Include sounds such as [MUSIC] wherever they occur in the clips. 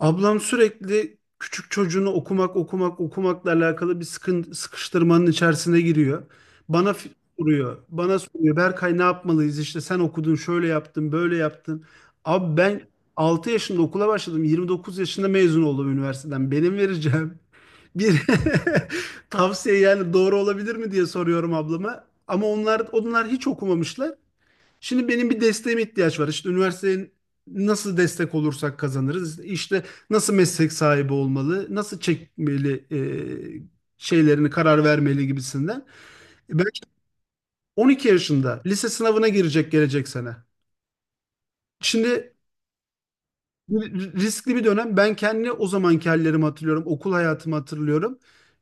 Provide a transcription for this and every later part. Ablam sürekli küçük çocuğunu okumakla alakalı bir sıkıştırmanın içerisine giriyor. Bana soruyor. Bana soruyor. Berkay, ne yapmalıyız? İşte sen okudun, şöyle yaptın, böyle yaptın. Abi ben 6 yaşında okula başladım. 29 yaşında mezun oldum üniversiteden. Benim vereceğim bir [LAUGHS] tavsiye yani doğru olabilir mi diye soruyorum ablama. Ama onlar hiç okumamışlar. Şimdi benim bir desteğime ihtiyaç var. İşte üniversiteye nasıl destek olursak kazanırız. İşte nasıl meslek sahibi olmalı, nasıl çekmeli şeylerini karar vermeli gibisinden. Ben 12 yaşında lise sınavına girecek gelecek sene. Şimdi bu riskli bir dönem. Ben kendi o zamanki hallerimi hatırlıyorum, okul hayatımı hatırlıyorum.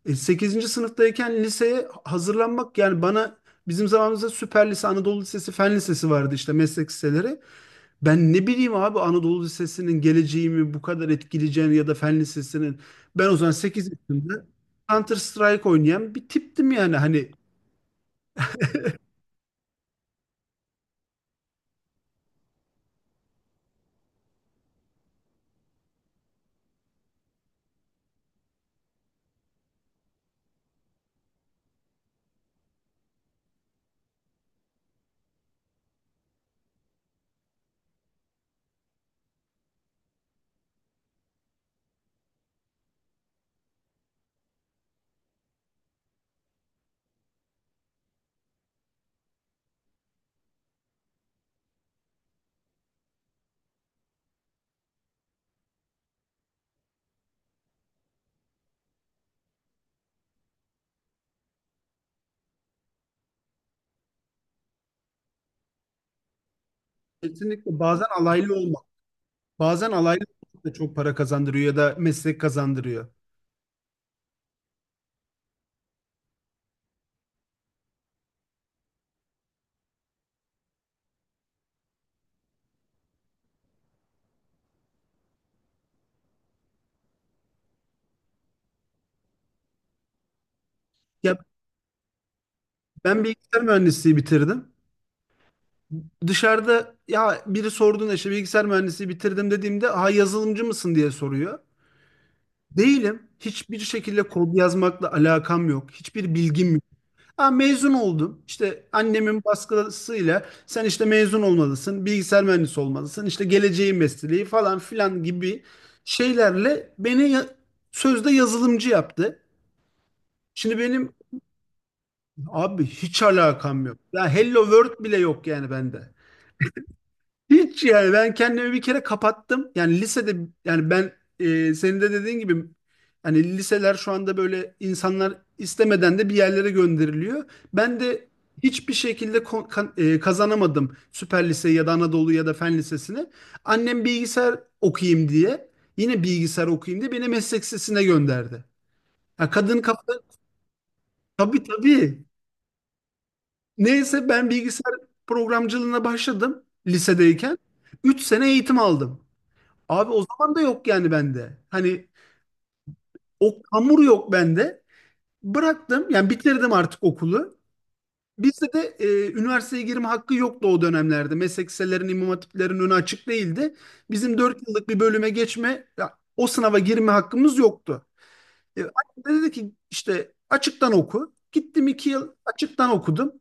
8. sınıftayken liseye hazırlanmak yani bana bizim zamanımızda Süper Lise, Anadolu Lisesi, Fen Lisesi vardı, işte meslek liseleri. Ben ne bileyim abi Anadolu Lisesi'nin geleceğimi bu kadar etkileyeceğini ya da Fen Lisesi'nin. Ben o zaman 8 yaşında Counter Strike oynayan bir tiptim yani. Hani kesinlikle bazen alaylı olmak, bazen alaylı olmak da çok para kazandırıyor ya da meslek kazandırıyor. Ya ben bilgisayar mühendisliği bitirdim. Dışarıda ya biri sorduğunda işte bilgisayar mühendisliği bitirdim dediğimde ha yazılımcı mısın diye soruyor. Değilim. Hiçbir şekilde kod yazmakla alakam yok. Hiçbir bilgim. Ha, mezun oldum. İşte annemin baskısıyla sen işte mezun olmalısın, bilgisayar mühendisi olmalısın, işte geleceğin mesleği falan filan gibi şeylerle beni sözde yazılımcı yaptı. Şimdi benim. Abi hiç alakam yok. Ya Hello World bile yok yani bende. Hiç yani ben kendimi bir kere kapattım. Yani lisede, yani ben senin de dediğin gibi hani liseler şu anda böyle insanlar istemeden de bir yerlere gönderiliyor. Ben de hiçbir şekilde kazanamadım Süper Liseyi ya da Anadolu ya da Fen Lisesi'ni. Annem bilgisayar okuyayım diye, yine bilgisayar okuyayım diye beni meslek lisesine gönderdi. Ya kadın kafa, tabii tabii. Neyse ben bilgisayar programcılığına başladım lisedeyken. 3 sene eğitim aldım. Abi o zaman da yok yani bende. Hani o hamur yok bende. Bıraktım yani bitirdim artık okulu. Bizde de üniversiteye girme hakkı yoktu o dönemlerde. Meslek liselerinin, imam hatiplerin önü açık değildi. Bizim 4 yıllık bir bölüme geçme, ya, o sınava girme hakkımız yoktu. Annem de dedi ki işte açıktan oku. Gittim 2 yıl açıktan okudum.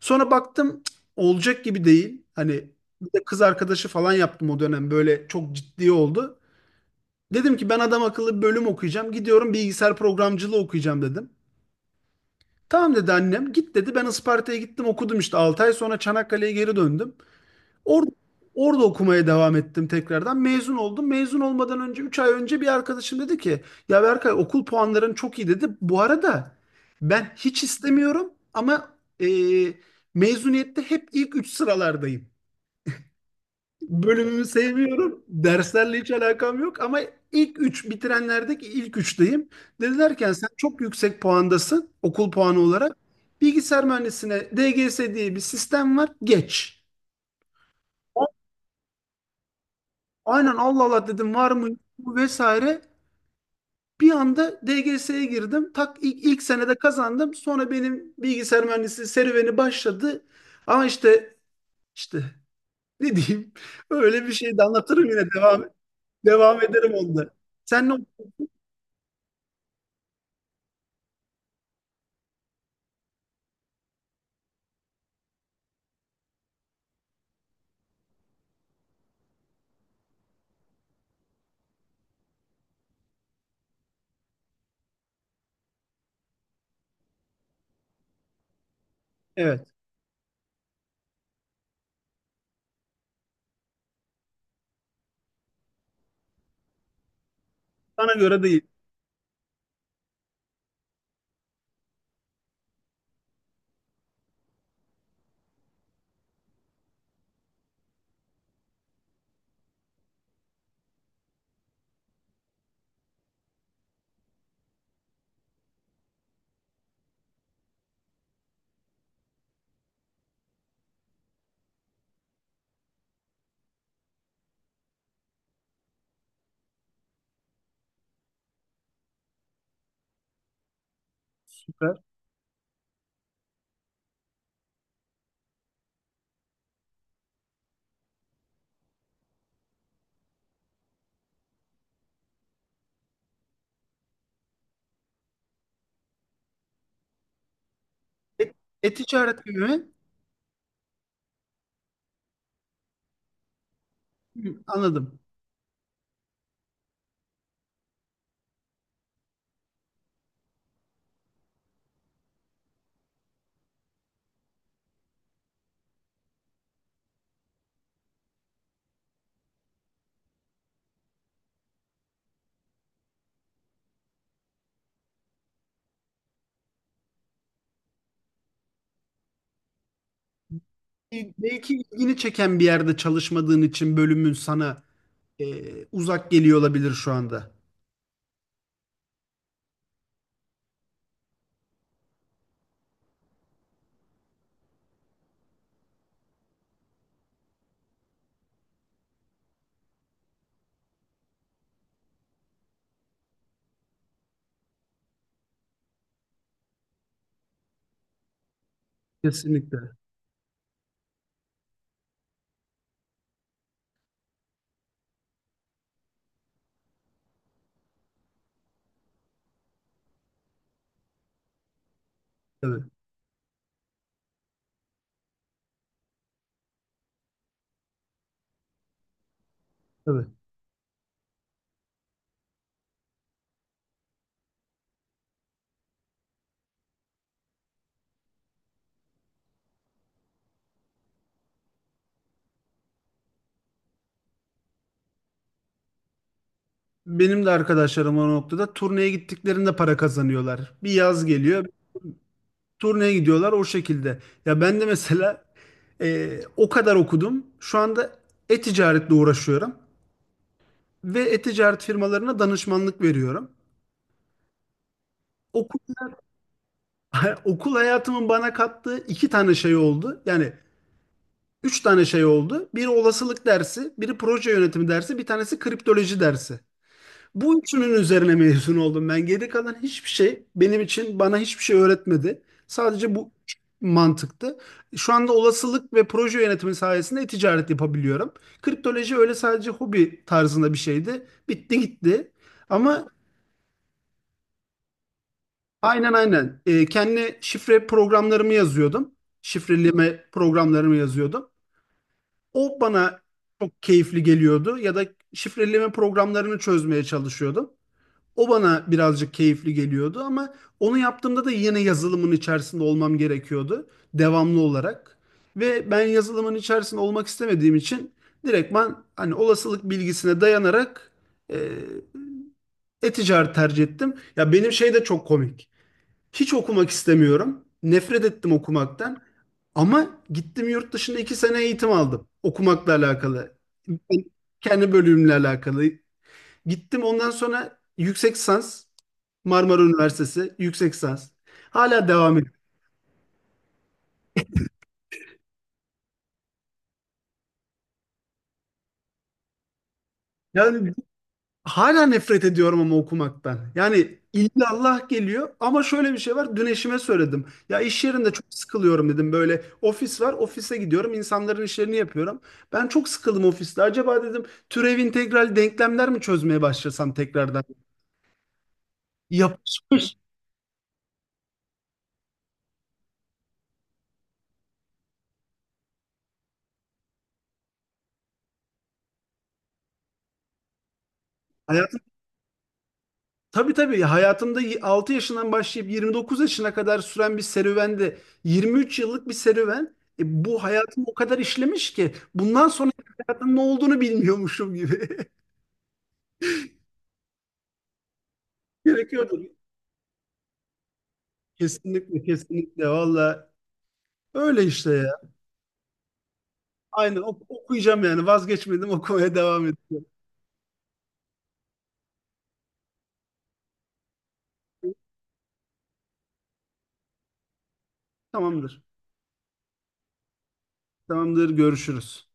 Sonra baktım, cık, olacak gibi değil. Hani bir de kız arkadaşı falan yaptım o dönem, böyle çok ciddi oldu. Dedim ki ben adam akıllı bir bölüm okuyacağım. Gidiyorum bilgisayar programcılığı okuyacağım dedim. Tamam dedi annem. Git dedi. Ben Isparta'ya gittim okudum, işte 6 ay sonra Çanakkale'ye geri döndüm. Orada, orada okumaya devam ettim tekrardan. Mezun oldum. Mezun olmadan önce 3 ay önce bir arkadaşım dedi ki ya Berkay, okul puanların çok iyi dedi. Bu arada ben hiç istemiyorum ama e, mezuniyette hep ilk 3 sıralardayım. Bölümümü sevmiyorum. Derslerle hiç alakam yok ama ilk üç bitirenlerdeki ilk üçteyim. Dedilerken sen çok yüksek puandasın okul puanı olarak. Bilgisayar mühendisine DGS diye bir sistem var. Geç. A- Aynen, Allah Allah dedim, var mı yok mu vesaire. Bir anda DGS'ye girdim. Tak, ilk senede kazandım. Sonra benim bilgisayar mühendisi serüveni başladı. Ama işte ne diyeyim, öyle bir şey de anlatırım, yine devam ederim onda. Sen ne. Evet. Bana göre değil. Süper. E- E-ticaret gibi mi? Hı, anladım. Belki ilgini çeken bir yerde çalışmadığın için bölümün sana e, uzak geliyor olabilir şu anda. Kesinlikle. Tabii, tabii. Benim de arkadaşlarım o noktada turneye gittiklerinde para kazanıyorlar. Bir yaz geliyor, turneye gidiyorlar o şekilde. Ya ben de mesela o kadar okudum. Şu anda e-ticaretle uğraşıyorum ve e-ticaret firmalarına danışmanlık veriyorum. Okul, [LAUGHS] okul hayatımın bana kattığı 2 tane şey oldu. Yani 3 tane şey oldu. Biri olasılık dersi, biri proje yönetimi dersi, bir tanesi kriptoloji dersi. Bu üçünün üzerine mezun oldum ben. Geri kalan hiçbir şey benim için, bana hiçbir şey öğretmedi. Sadece bu üç mantıktı. Şu anda olasılık ve proje yönetimi sayesinde ticaret yapabiliyorum. Kriptoloji öyle sadece hobi tarzında bir şeydi. Bitti gitti. Ama aynen aynen. Kendi şifre programlarımı yazıyordum. Şifreleme programlarımı yazıyordum. O bana çok keyifli geliyordu. Ya da şifreleme programlarını çözmeye çalışıyordum. O bana birazcık keyifli geliyordu ama onu yaptığımda da yine yazılımın içerisinde olmam gerekiyordu devamlı olarak. Ve ben yazılımın içerisinde olmak istemediğim için direktman hani olasılık bilgisine dayanarak e, e-ticaret tercih ettim. Ya benim şey de çok komik. Hiç okumak istemiyorum. Nefret ettim okumaktan. Ama gittim yurt dışında 2 sene eğitim aldım. Okumakla alakalı. Kendi bölümümle alakalı. Gittim ondan sonra yüksek lisans, Marmara Üniversitesi yüksek lisans. Hala devam ediyor. Yani hala nefret ediyorum ama okumaktan. Yani Allah geliyor ama şöyle bir şey var. Dün eşime söyledim. Ya iş yerinde çok sıkılıyorum dedim. Böyle ofis var. Ofise gidiyorum. İnsanların işlerini yapıyorum. Ben çok sıkıldım ofiste. Acaba dedim türev integral denklemler mi çözmeye başlasam tekrardan? Yapışmış. Tabii tabii, hayatımda 6 yaşından başlayıp 29 yaşına kadar süren bir serüvende, 23 yıllık bir serüven, bu hayatımı o kadar işlemiş ki bundan sonra hayatın ne olduğunu bilmiyormuşum gibi. [LAUGHS] Gerekiyordur. Kesinlikle kesinlikle valla öyle işte ya. Aynen okuyacağım, yani vazgeçmedim, okumaya devam edeceğim. Tamamdır. Tamamdır, görüşürüz.